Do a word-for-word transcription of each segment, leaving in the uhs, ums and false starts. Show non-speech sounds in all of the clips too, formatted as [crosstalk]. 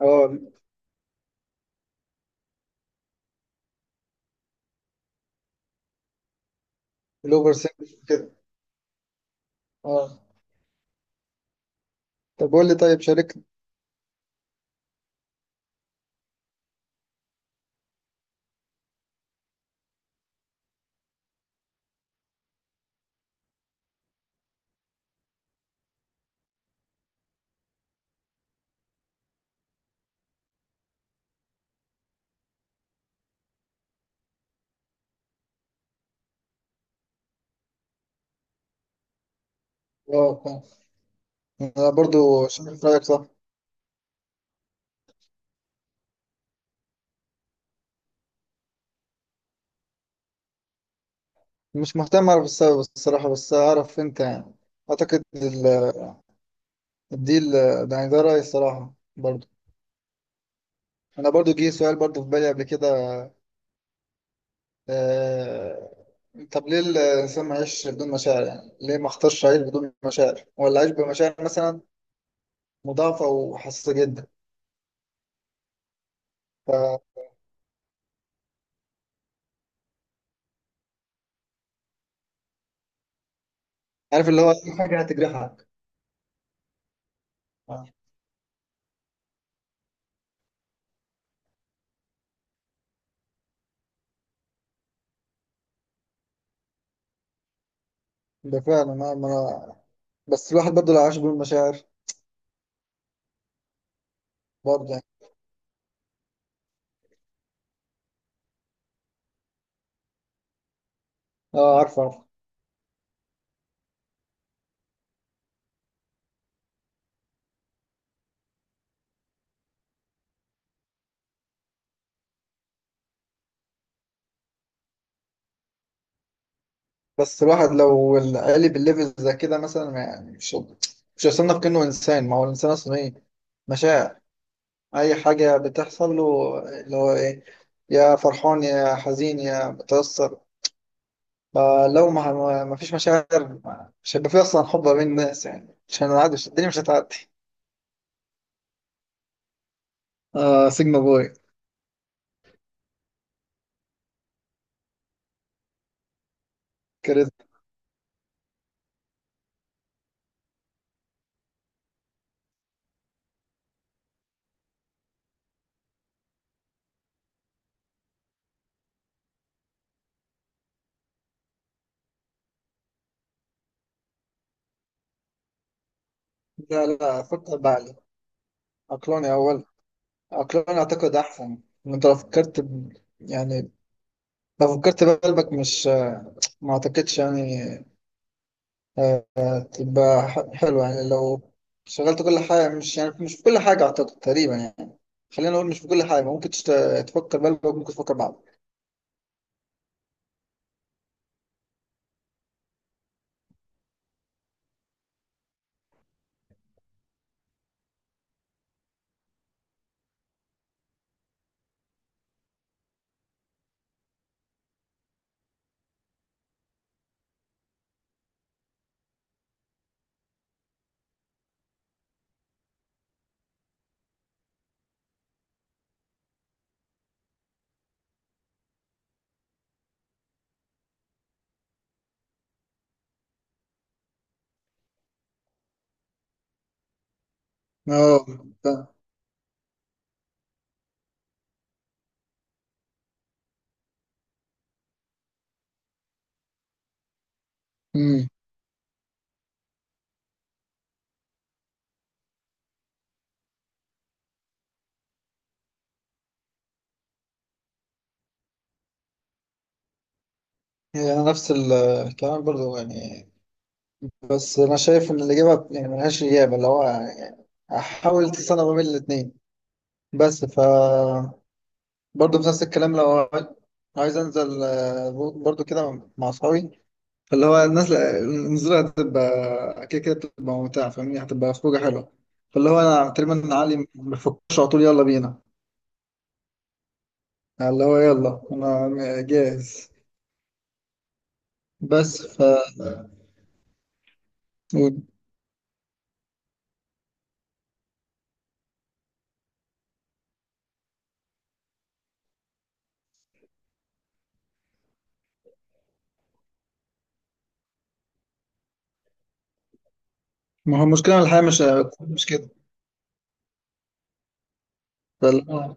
اه. الاوفر سينك كده. اه، طب قول لي، طيب شارك. اه، فاهم. انا برضو شارك رايك صح. مش مهتم اعرف السبب الصراحه، بس اعرف انت يعني اعتقد ال- الديل ده، يعني ده رايي الصراحه برضو. انا برضو جه سؤال برضو في بالي قبل كده. آه، طب ليه الإنسان ما يعيش بدون مشاعر يعني؟ ليه ما اختارش عيش بدون مشاعر؟ ولا عيش بمشاعر مثلا مضاعفة وحساسة جدا، فعارف اللي هو أي حاجة هتجرحك. آه. ده فعلا. أنا ما أنا بس الواحد برضه لو عاش بالمشاعر برضه يعني. اه، عارفه عارفه. بس الواحد لو قالب الليفل زي كده مثلا ما يعني مش مش هيصنف كأنه إنسان. ما هو الإنسان أصلا إيه؟ مشاعر، أي حاجة بتحصل له اللي هو إيه، يا فرحان يا حزين يا متأثر. فلو ما ما ما فيش مشاعر مش هيبقى في أصلا حب بين الناس، يعني مش هنعدي، مش- الدنيا مش هتعدي. اه، سيجما بوي. كاريزما. لا لا، فكر بعقلي، عقلاني أول، عقلاني أعتقد أحسن. إن أنت لو فكرت ب- يعني لو فكرت بقلبك، مش ما اعتقدش يعني. آه، آه، تبقى ح- حلوة يعني لو شغلت كل حاجة. مش يعني مش في كل حاجة اعتقد تقريبا يعني، خلينا نقول مش في كل حاجة ممكن تشت- تفكر بقلبك، ممكن تفكر بعقلك. اه، فاهم. أمم. هي أنا نفس ال- الكلام برضو يعني. بس انا شايف ان الاجابة يعني ملهاش اجابة، اللي هو يعني احاول تصنع ما بين الاتنين. بس ف برضه بنفس الكلام، لو عايز انزل آه، برضه كده مع اصحابي، اللي هو الناس النزولة هتبقى كده كده، بتبقى ممتعة فاهمني، هتبقى خروجة حلوة. فاللي هو أنا تقريبا علي ما بفكرش، على طول يلا بينا، اللي هو يلا أنا جاهز. بس ف ما هو المشكلة إن الحياة مش مش كده. فاللي هو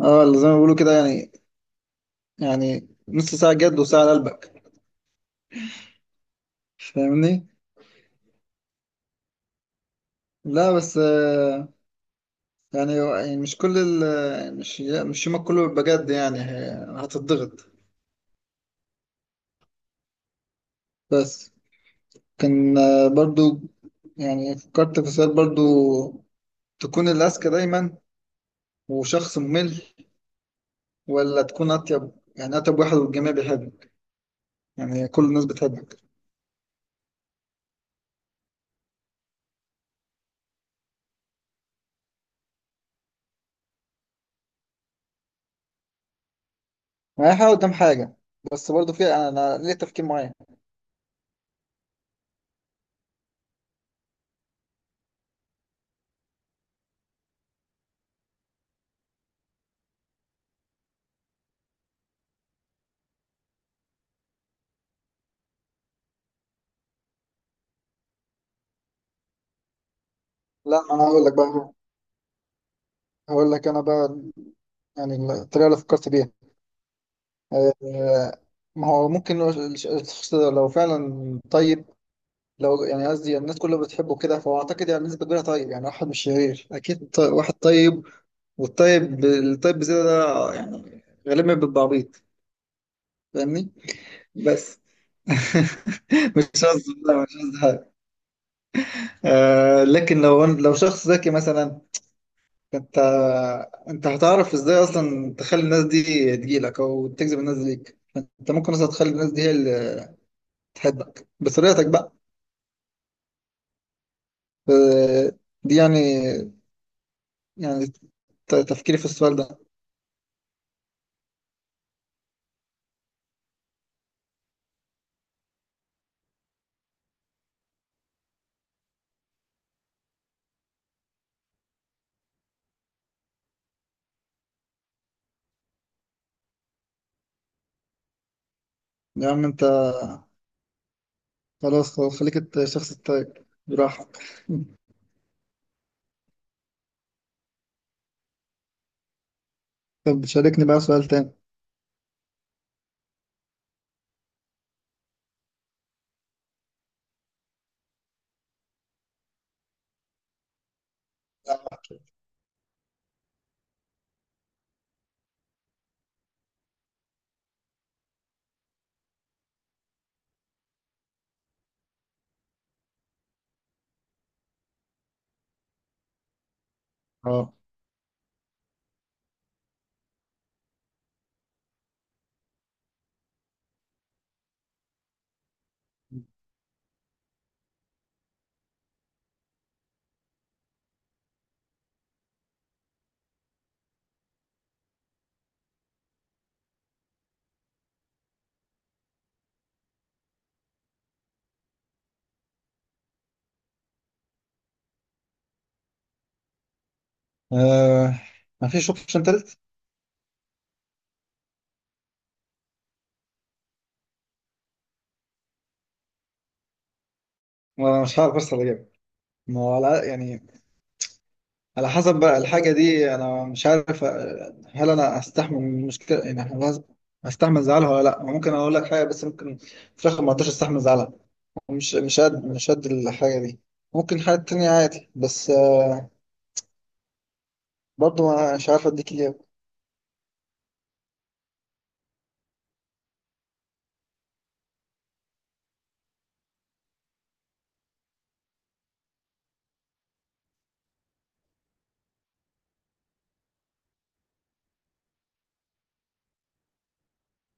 اه، اللي زي ما بيقولوا كده يعني، يعني نص ساعة جد وساعة لقلبك، فاهمني. لا بس آه، يعني يعني مش كل ال مش مش يومك كله بيبقى جد يعني، هتضغط. بس كان آه، برضو يعني فكرت في سؤال برضو. تكون الأذكى دايما وشخص ممل، ولا تكون أطيب، يعني أطيب واحد والجميع بيحبك، يعني كل الناس بتحبك؟ أي حاجة قدام حاجة. بس برضو في أنا ليه تفكير معين. لا، أنا هقول لك بقى، هقول لك أنا بقى يعني الطريقة اللي فكرت بيها. آه، ما هو ممكن الش- الشخص ده لو فعلا طيب، لو يعني قصدي الناس كلها بتحبه كده، فهو أعتقد يعني الناس كبيرة طيب، يعني واحد مش شرير أكيد، طي- واحد طيب. والطيب الطيب بزيادة ده يعني غالبا بيبقى عبيط، فاهمني. بس [laughs] مش قصدي، لا مش قصدي حاجة. آه، لكن لو لو شخص ذكي مثلا، انت انت هتعرف ازاي اصلا تخلي الناس دي تجيلك، او تجذب الناس دي ليك. انت ممكن اصلا تخلي الناس دي هي اللي تحبك بطريقتك بقى. آه، دي يعني يعني ت- تفكيري في السؤال ده. يا عم انت، خلاص خلاص، خليك الت- الشخص الطيب براحتك. [laughs] طب شاركني بقى سؤال تاني. اه. آه، ما فيش اوبشن تالت؟ ما مش عارف بس اجيب. ما هو على يعني، على حسب بقى الحاجه دي. انا مش عارف آه، هل انا استحمل المشكله، يعني هل استحمل زعلها ولا لا. ممكن اقول لك حاجه، بس ممكن في الاخر ما اقدرش استحمل زعلها. مش مش قد مش قد الحاجه دي. ممكن حاجه تانية عادي، بس آه، برضه ما- مش عارف اديك اجابه.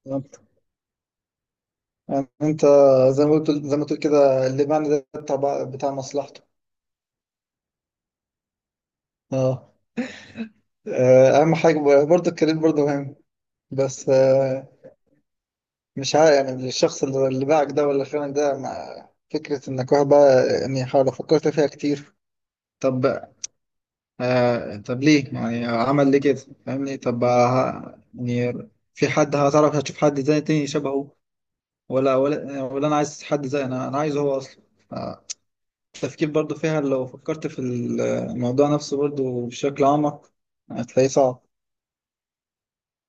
يعني انت زي ما قلت، زي ما تقول كده اللي معنى ده بتاع بتاع مصلحته. اه. آه، اهم حاجه برضه الكارير برضه مهم. بس آه، مش عارف، يعني الشخص اللي اللي باعك ده ولا خانك ده، مع فكرة انك واحد بقى يعني حاول فكرت فيها كتير. طب آه طب ليه يعني عمل ليه كده؟ فاهمني. طب آه يعني في حد، هتعرف هتشوف حد زي تاني شبهه، ولا ولا ولا انا عايز حد زي انا انا عايزه هو اصلا. آه، التفكير برضو فيها، لو فكرت في الموضوع نفسه برضو بشكل اعمق هتلاقيه صعب.